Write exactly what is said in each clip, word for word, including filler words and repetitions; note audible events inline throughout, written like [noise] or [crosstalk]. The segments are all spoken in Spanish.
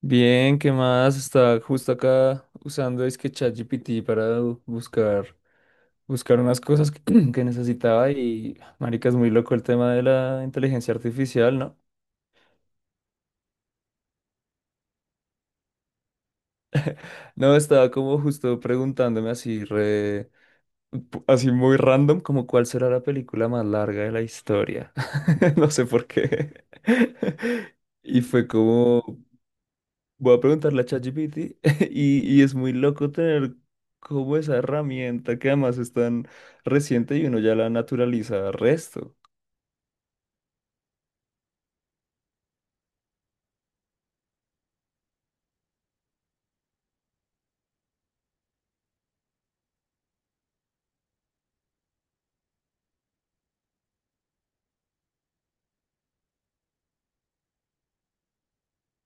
Bien, ¿qué más? Está justo acá usando es que ChatGPT para bu- buscar, buscar unas cosas que, [clears throat] que necesitaba y marica, es muy loco el tema de la inteligencia artificial, ¿no? No, estaba como justo preguntándome así re, pu- así muy random, como cuál será la película más larga de la historia. [laughs] No sé por qué. [laughs] Y fue como, voy a preguntarle a ChatGPT [laughs] y, y es muy loco tener como esa herramienta que además es tan reciente y uno ya la naturaliza resto.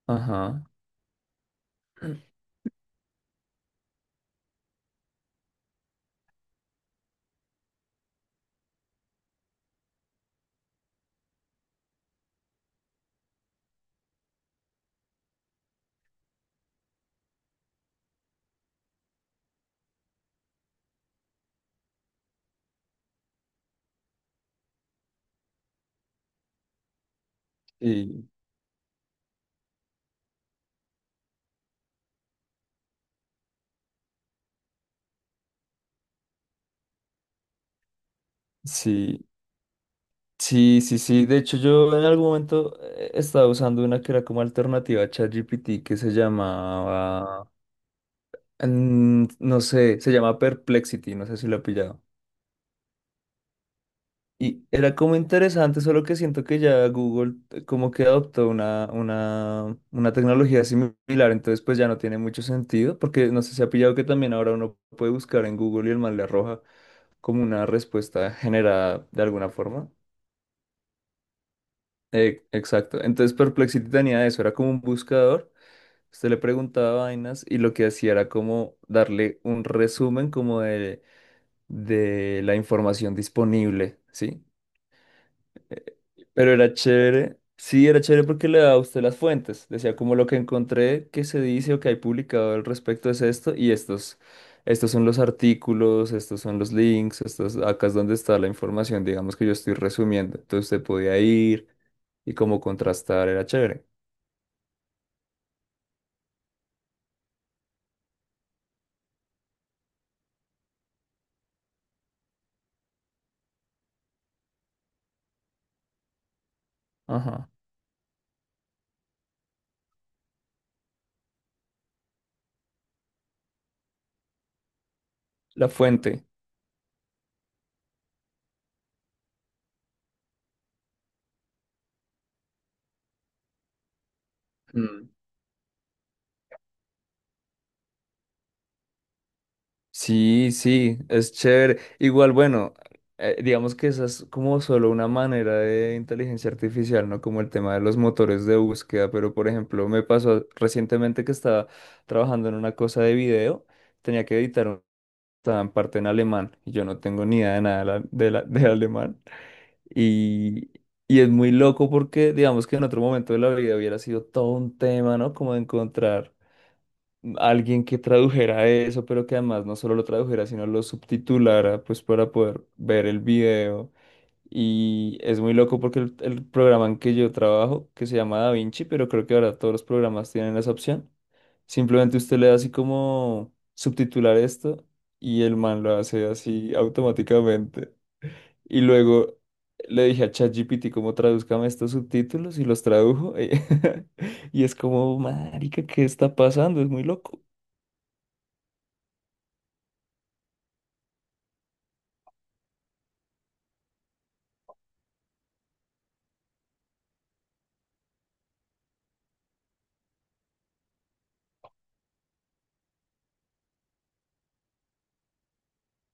Ajá. Y sí, sí, sí, sí. De hecho, yo en algún momento eh, estaba usando una que era como alternativa a ChatGPT que se llamaba, mm, no sé, se llama Perplexity, no sé si la he pillado. Y era como interesante, solo que siento que ya Google eh, como que adoptó una, una, una tecnología similar, entonces pues ya no tiene mucho sentido, porque no sé si ha pillado que también ahora uno puede buscar en Google y el man le arroja como una respuesta generada de alguna forma. Eh, exacto, entonces Perplexity tenía eso, era como un buscador, usted le preguntaba vainas y lo que hacía era como darle un resumen como de, de la información disponible, ¿sí? Eh, pero era chévere. Sí, era chévere porque le daba a usted las fuentes. Decía como lo que encontré que se dice o que hay publicado al respecto es esto y estos. Estos son los artículos, estos son los links, estos, acá es donde está la información, digamos que yo estoy resumiendo. Entonces usted podía ir y como contrastar, era chévere. Ajá. La fuente. Mm. Sí, sí, es chévere. Igual, bueno, eh, digamos que esa es como solo una manera de inteligencia artificial, ¿no? Como el tema de los motores de búsqueda, pero por ejemplo, me pasó recientemente que estaba trabajando en una cosa de video, tenía que editar, un- estaba en parte en alemán y yo no tengo ni idea de nada de, la- de la- de alemán. Y, y es muy loco porque digamos que en otro momento de la vida hubiera sido todo un tema, ¿no? Como de encontrar alguien que tradujera eso, pero que además no solo lo tradujera, sino lo subtitulara, pues para poder ver el video. Y es muy loco porque el, el programa en que yo trabajo, que se llama DaVinci, pero creo que ahora todos los programas tienen esa opción. Simplemente usted le da así como subtitular esto y el man lo hace así automáticamente. Y luego le dije a ChatGPT cómo tradúzcame estos subtítulos y los tradujo. [laughs] Y es como, marica, ¿qué está pasando? Es muy loco.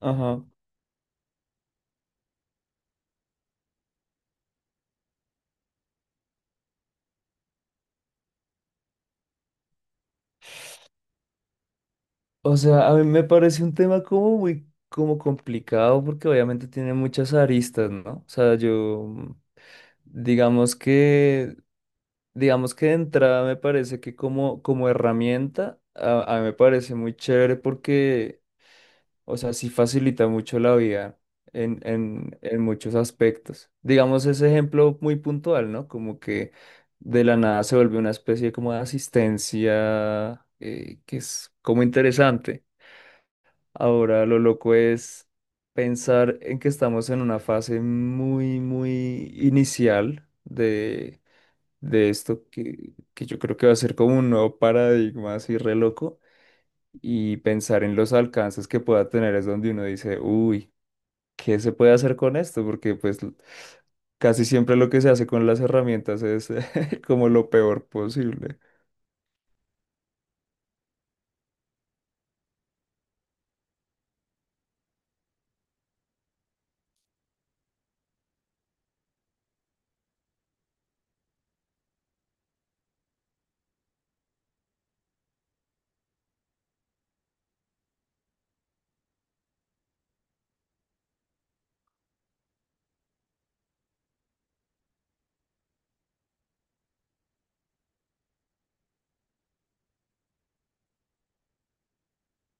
Ajá. O sea, a mí me parece un tema como muy como complicado porque obviamente tiene muchas aristas, ¿no? O sea, yo mm, digamos que digamos que de entrada me parece que como como herramienta a, a mí me parece muy chévere porque o sea, sí facilita mucho la vida en en en muchos aspectos. Digamos ese ejemplo muy puntual, ¿no? Como que de la nada se vuelve una especie como de asistencia eh, que es como interesante. Ahora lo loco es pensar en que estamos en una fase muy, muy inicial de, de esto que, que yo creo que va a ser como un nuevo paradigma así re loco y pensar en los alcances que pueda tener es donde uno dice, uy, ¿qué se puede hacer con esto? Porque pues l- casi siempre lo que se hace con las herramientas es [laughs] como lo peor posible.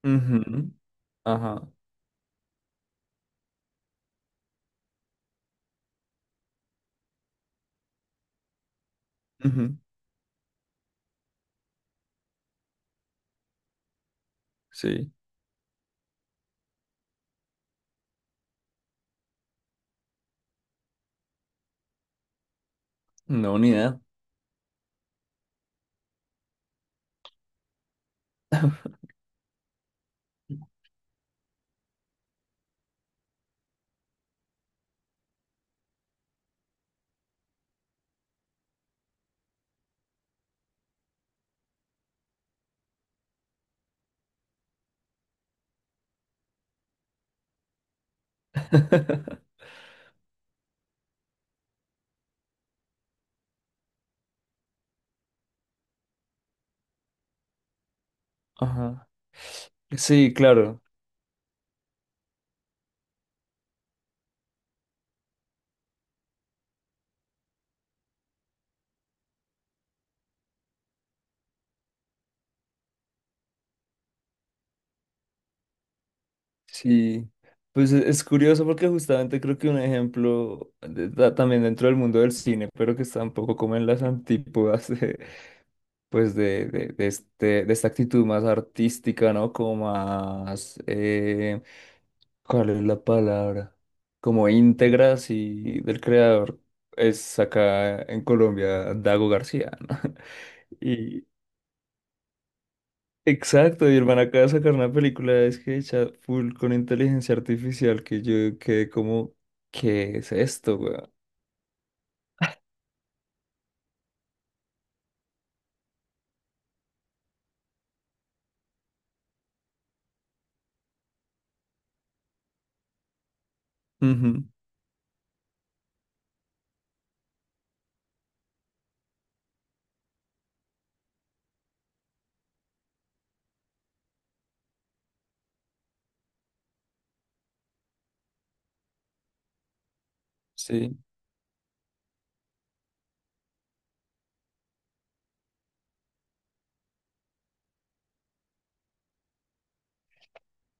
Ujú. Ajá. Ujú. Sí. No, ni idea. [laughs] Ajá. Sí, claro, sí. Pues e- es curioso porque justamente creo que un ejemplo de- da- también dentro del mundo del cine, pero que está un poco como en las antípodas de, pues de, de, de este, de esta actitud más artística, ¿no? Como más, eh, ¿cuál es la palabra? Como íntegra, sí, del creador. Es acá en Colombia, Dago García, ¿no? [laughs] Exacto, y el man acaba de sacar una película es que hecha full con inteligencia artificial que yo quedé como, ¿qué es esto, weón? Ujú, sí.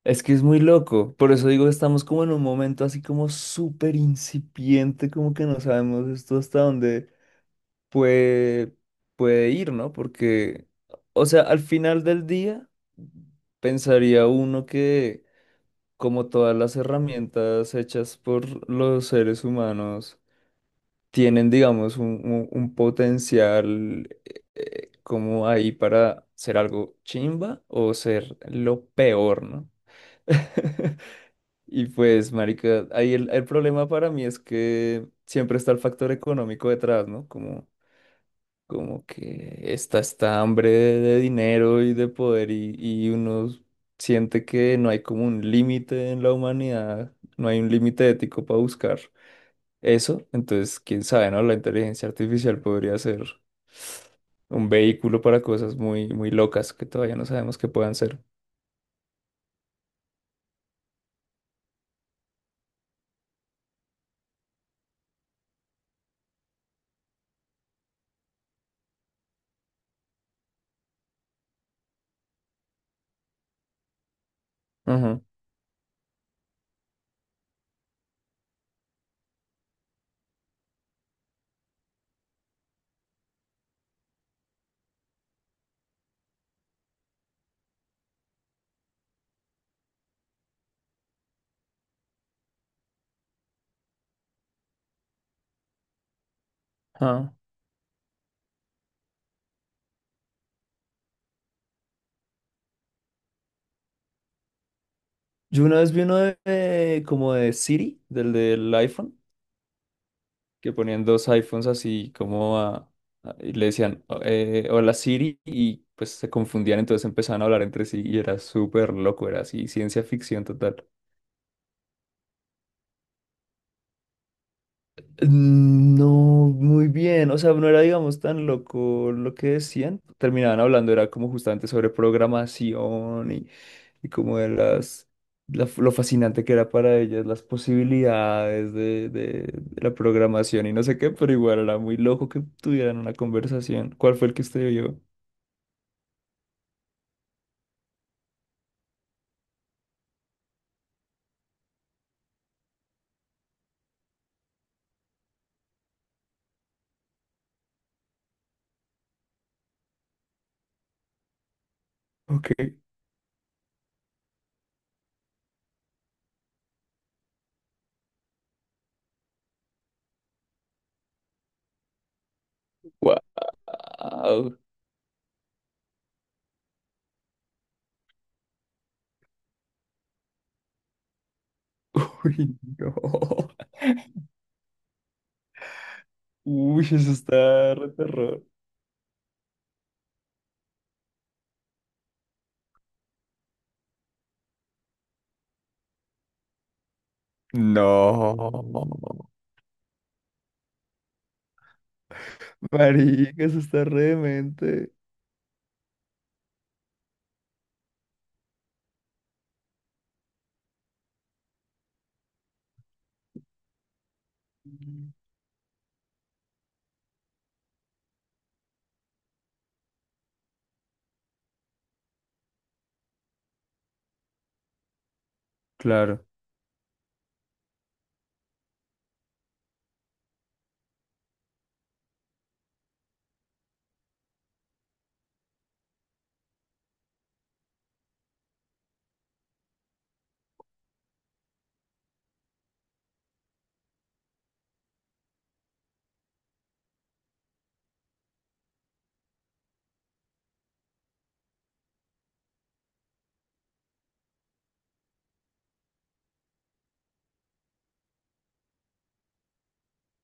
Es que es muy loco. Por eso digo, estamos como en un momento así como súper incipiente, como que no sabemos esto hasta dónde puede, puede ir, ¿no? Porque, o sea, al final del día, pensaría uno que como todas las herramientas hechas por los seres humanos, tienen, digamos, un, un- un potencial eh, como ahí para ser algo chimba o ser lo peor, ¿no? [laughs] Y pues, marica, ahí el, el problema para mí es que siempre está el factor económico detrás, ¿no? Como, como que está esta hambre de, de dinero y de poder y, y uno siente que no hay como un límite en la humanidad, no hay un límite ético para buscar eso. Entonces, quién sabe, ¿no? La inteligencia artificial podría ser un vehículo para cosas muy, muy locas que todavía no sabemos que puedan ser. Ujú. Ah. Yo una vez vi uno de, de- como de Siri, del del iPhone, que ponían dos iPhones así como a, a- y le decían, "O- eh, hola Siri, y pues se confundían, entonces empezaban a hablar entre sí y era súper loco, era así, ciencia ficción total. No, muy bien. O sea, no era, digamos, tan loco lo que decían. Terminaban hablando, era como justamente sobre programación y, y como de las, la f- lo fascinante que era para ellas, las posibilidades de, de, de la programación y no sé qué, pero igual era muy loco que tuvieran una conversación. ¿Cuál fue el que usted vio? Ok. Wow. [laughs] Uy, no. Uy, eso está re terror. No. Marica, eso está re demente. Mm. Claro,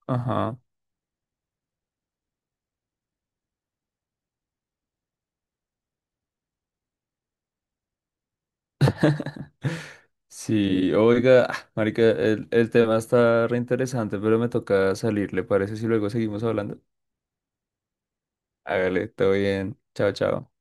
ajá. Sí, oiga, ah, marica, el, el tema está re interesante, pero me toca salir, ¿le parece si luego seguimos hablando? Hágale, todo bien. Chao, chao.